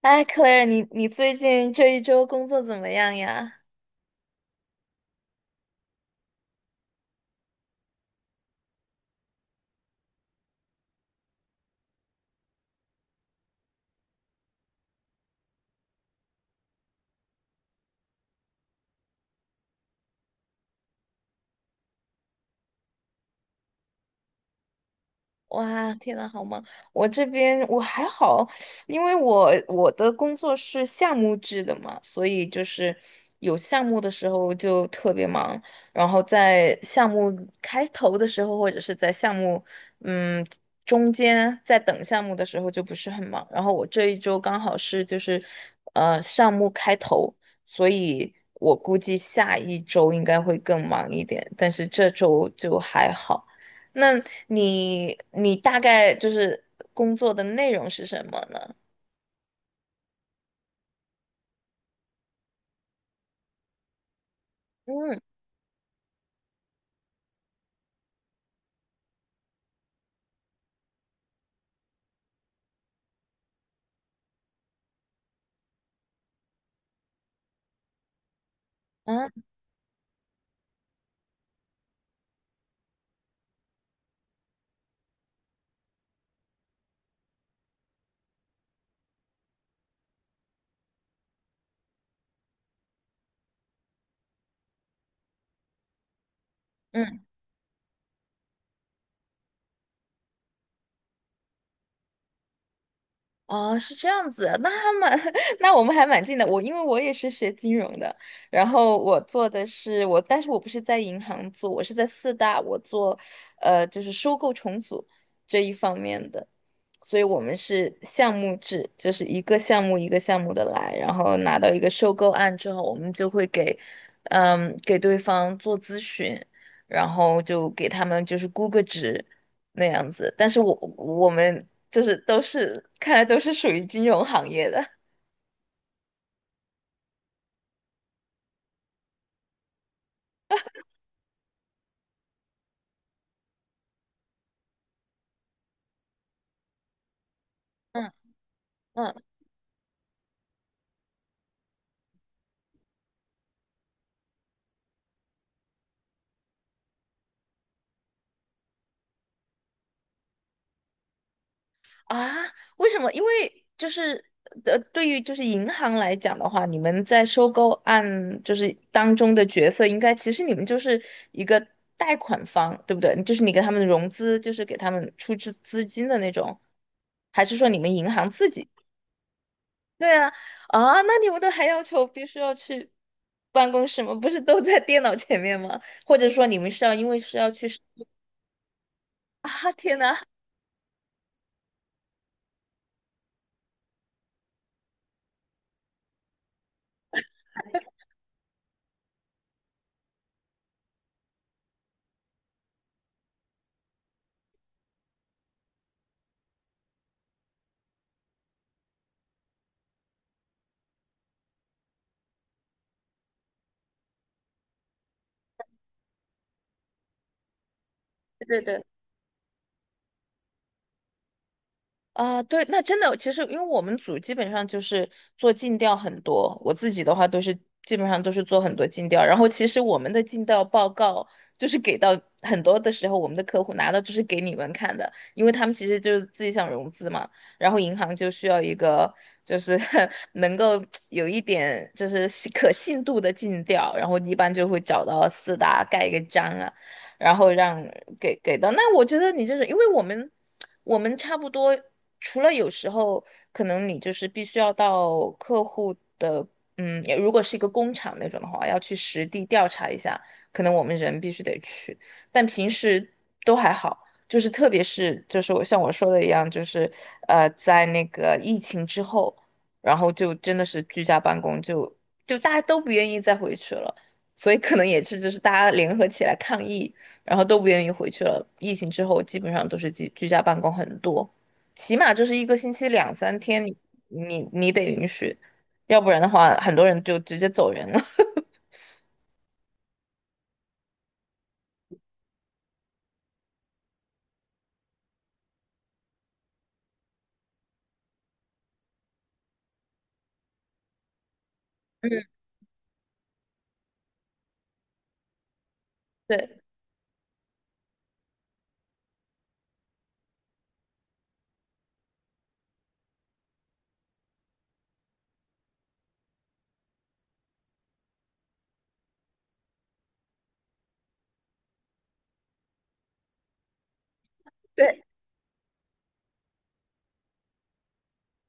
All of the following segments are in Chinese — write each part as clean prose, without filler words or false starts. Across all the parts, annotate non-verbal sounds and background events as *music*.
哎，Claire，你最近这一周工作怎么样呀？哇，天呐，好忙！我这边我还好，因为我的工作是项目制的嘛，所以就是有项目的时候就特别忙，然后在项目开头的时候，或者是在项目嗯中间在等项目的时候就不是很忙。然后我这一周刚好是就是项目开头，所以我估计下一周应该会更忙一点，但是这周就还好。那你大概就是工作的内容是什么呢？嗯。啊。嗯。哦，是这样子，那还蛮，*laughs* 那我们还蛮近的。我因为我也是学金融的，然后我做的是我，但是我不是在银行做，我是在四大，我做，呃，就是收购重组这一方面的，所以我们是项目制，就是一个项目一个项目的来，然后拿到一个收购案之后，我们就会给，嗯，给对方做咨询，然后就给他们就是估个值。那样子，但是我们就是都是看来都是属于金融行业的。嗯。嗯。啊，为什么？因为就是对于就是银行来讲的话，你们在收购案就是当中的角色，应该其实你们就是一个贷款方，对不对？就是你给他们融资，就是给他们出资资金的那种，还是说你们银行自己？对啊。啊，那你们都还要求必须要去办公室吗？不是都在电脑前面吗？或者说你们是要因为是要去啊？天呐！对对啊，对，那真的，其实因为我们组基本上就是做尽调很多，我自己的话都是基本上都是做很多尽调，然后其实我们的尽调报告就是给到很多的时候，我们的客户拿到就是给你们看的，因为他们其实就是自己想融资嘛，然后银行就需要一个就是 *laughs* 能够有一点就是可信度的尽调，然后一般就会找到四大盖一个章啊。然后让给给到。那我觉得你就是因为我们差不多，除了有时候可能你就是必须要到客户的，嗯，如果是一个工厂那种的话，要去实地调查一下，可能我们人必须得去，但平时都还好。就是特别是就是我像我说的一样，就是在那个疫情之后，然后就真的是居家办公，就大家都不愿意再回去了，所以可能也是就是大家联合起来抗议然后都不愿意回去了。疫情之后，基本上都是居家办公很多，起码就是一个星期2、3天你，你得允许，要不然的话，很多人就直接走人了。*laughs* 嗯。对对，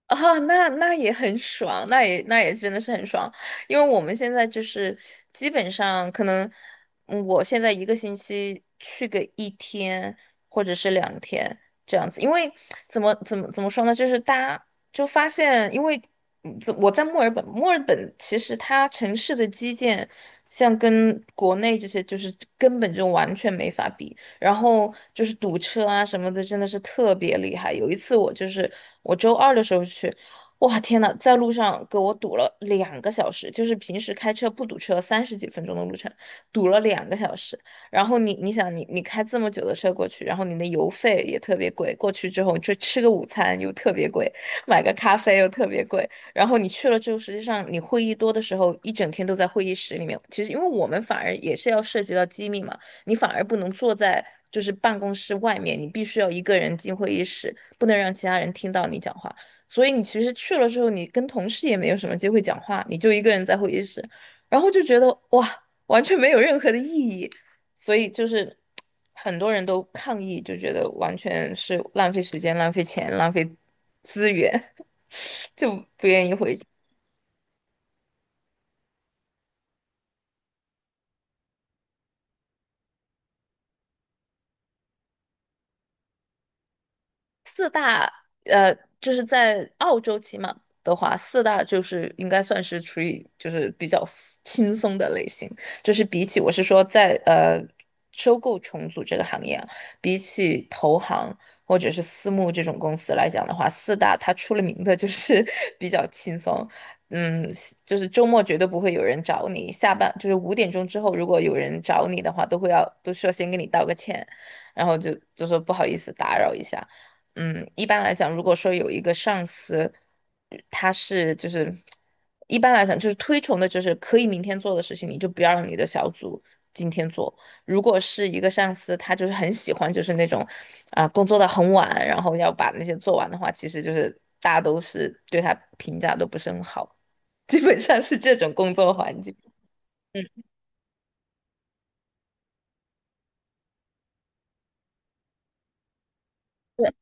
啊，那那也很爽，那也那也真的是很爽，因为我们现在就是基本上可能，嗯我现在一个星期去个1天或者是2天这样子，因为怎么说呢，就是大家就发现，因为我在墨尔本，墨尔本其实它城市的基建像跟国内这些就是根本就完全没法比。然后就是堵车啊什么的，真的是特别厉害。有一次我就是我周二的时候去，哇天呐，在路上给我堵了两个小时，就是平时开车不堵车30几分钟的路程，堵了两个小时。然后你想你开这么久的车过去，然后你的油费也特别贵，过去之后就吃个午餐又特别贵，买个咖啡又特别贵。然后你去了之后，实际上你会议多的时候，一整天都在会议室里面。其实因为我们反而也是要涉及到机密嘛，你反而不能坐在就是办公室外面，你必须要一个人进会议室，不能让其他人听到你讲话。所以你其实去了之后，你跟同事也没有什么机会讲话，你就一个人在会议室，然后就觉得哇，完全没有任何的意义。所以就是很多人都抗议，就觉得完全是浪费时间、浪费钱、浪费资源，*laughs* 就不愿意回去。四大呃，就是在澳洲起码的话，四大就是应该算是处于就是比较 轻松的类型，就是比起我是说在收购重组这个行业啊，比起投行或者是私募这种公司来讲的话，四大它出了名的就是 *laughs* 比较轻松。嗯，就是周末绝对不会有人找你，下班就是5点钟之后，如果有人找你的话，都会要都需要先跟你道个歉，然后就说不好意思打扰一下。嗯，一般来讲，如果说有一个上司，他是就是一般来讲就是推崇的，就是可以明天做的事情，你就不要让你的小组今天做。如果是一个上司，他就是很喜欢就是那种啊、工作到很晚，然后要把那些做完的话，其实就是大家都是对他评价都不是很好，基本上是这种工作环境。嗯，对，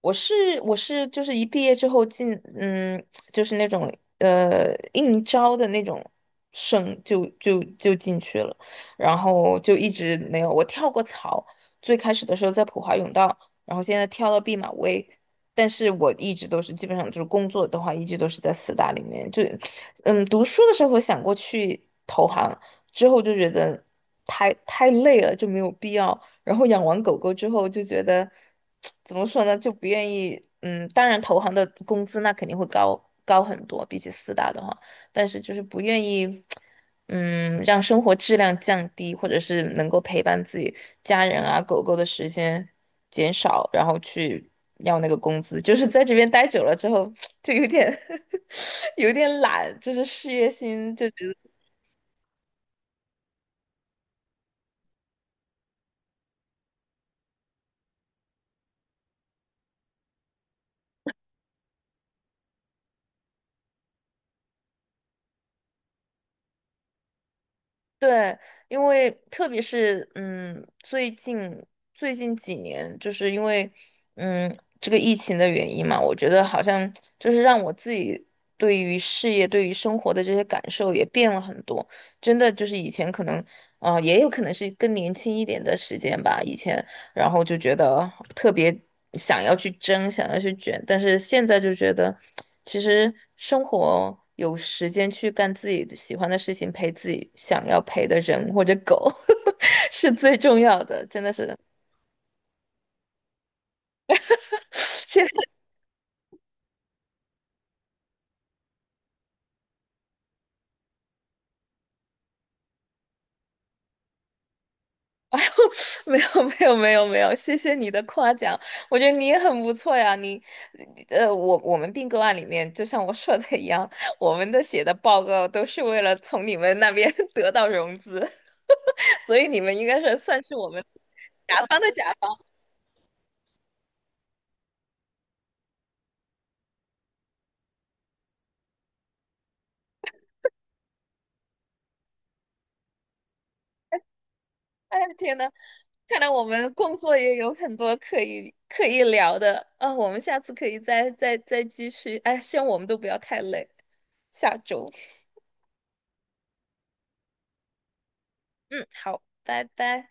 我是就是一毕业之后进嗯，就是那种应招的那种就进去了，然后就一直没有我跳过槽，最开始的时候在普华永道，然后现在跳到毕马威，但是我一直都是基本上就是工作的话，一直都是在四大里面，就嗯读书的时候想过去投行，之后就觉得太累了，就没有必要。然后养完狗狗之后就觉得，*tsk* 怎么说呢，就不愿意，嗯，当然投行的工资那肯定会高很多，比起四大的话，但是就是不愿意，嗯，让生活质量降低，或者是能够陪伴自己家人啊、狗狗的时间减少，然后去要那个工资，就是在这边待久了之后，*tsk* 就有点 *laughs* 有点懒，就是事业心就觉得。对，因为特别是嗯，最近几年，就是因为嗯这个疫情的原因嘛，我觉得好像就是让我自己对于事业、对于生活的这些感受也变了很多。真的就是以前可能，啊，也有可能是更年轻一点的时间吧。以前然后就觉得特别想要去争，想要去卷，但是现在就觉得，其实生活有时间去干自己喜欢的事情，陪自己想要陪的人或者狗，*laughs* 是最重要的，真的是。*laughs* *sniffs* 现 *laughs* 哎呦，*laughs* 没有没有没有没有，谢谢你的夸奖，我觉得你也很不错呀。你，呃，我们并购案里面，就像我说的一样，我们的写的报告都是为了从你们那边 *laughs* 得到融资，*laughs* 所以你们应该是算是我们甲方的甲方。哎，天呐，看来我们工作也有很多可以可以聊的啊，我们下次可以再继续。哎，希望我们都不要太累。下周，嗯，好，拜拜。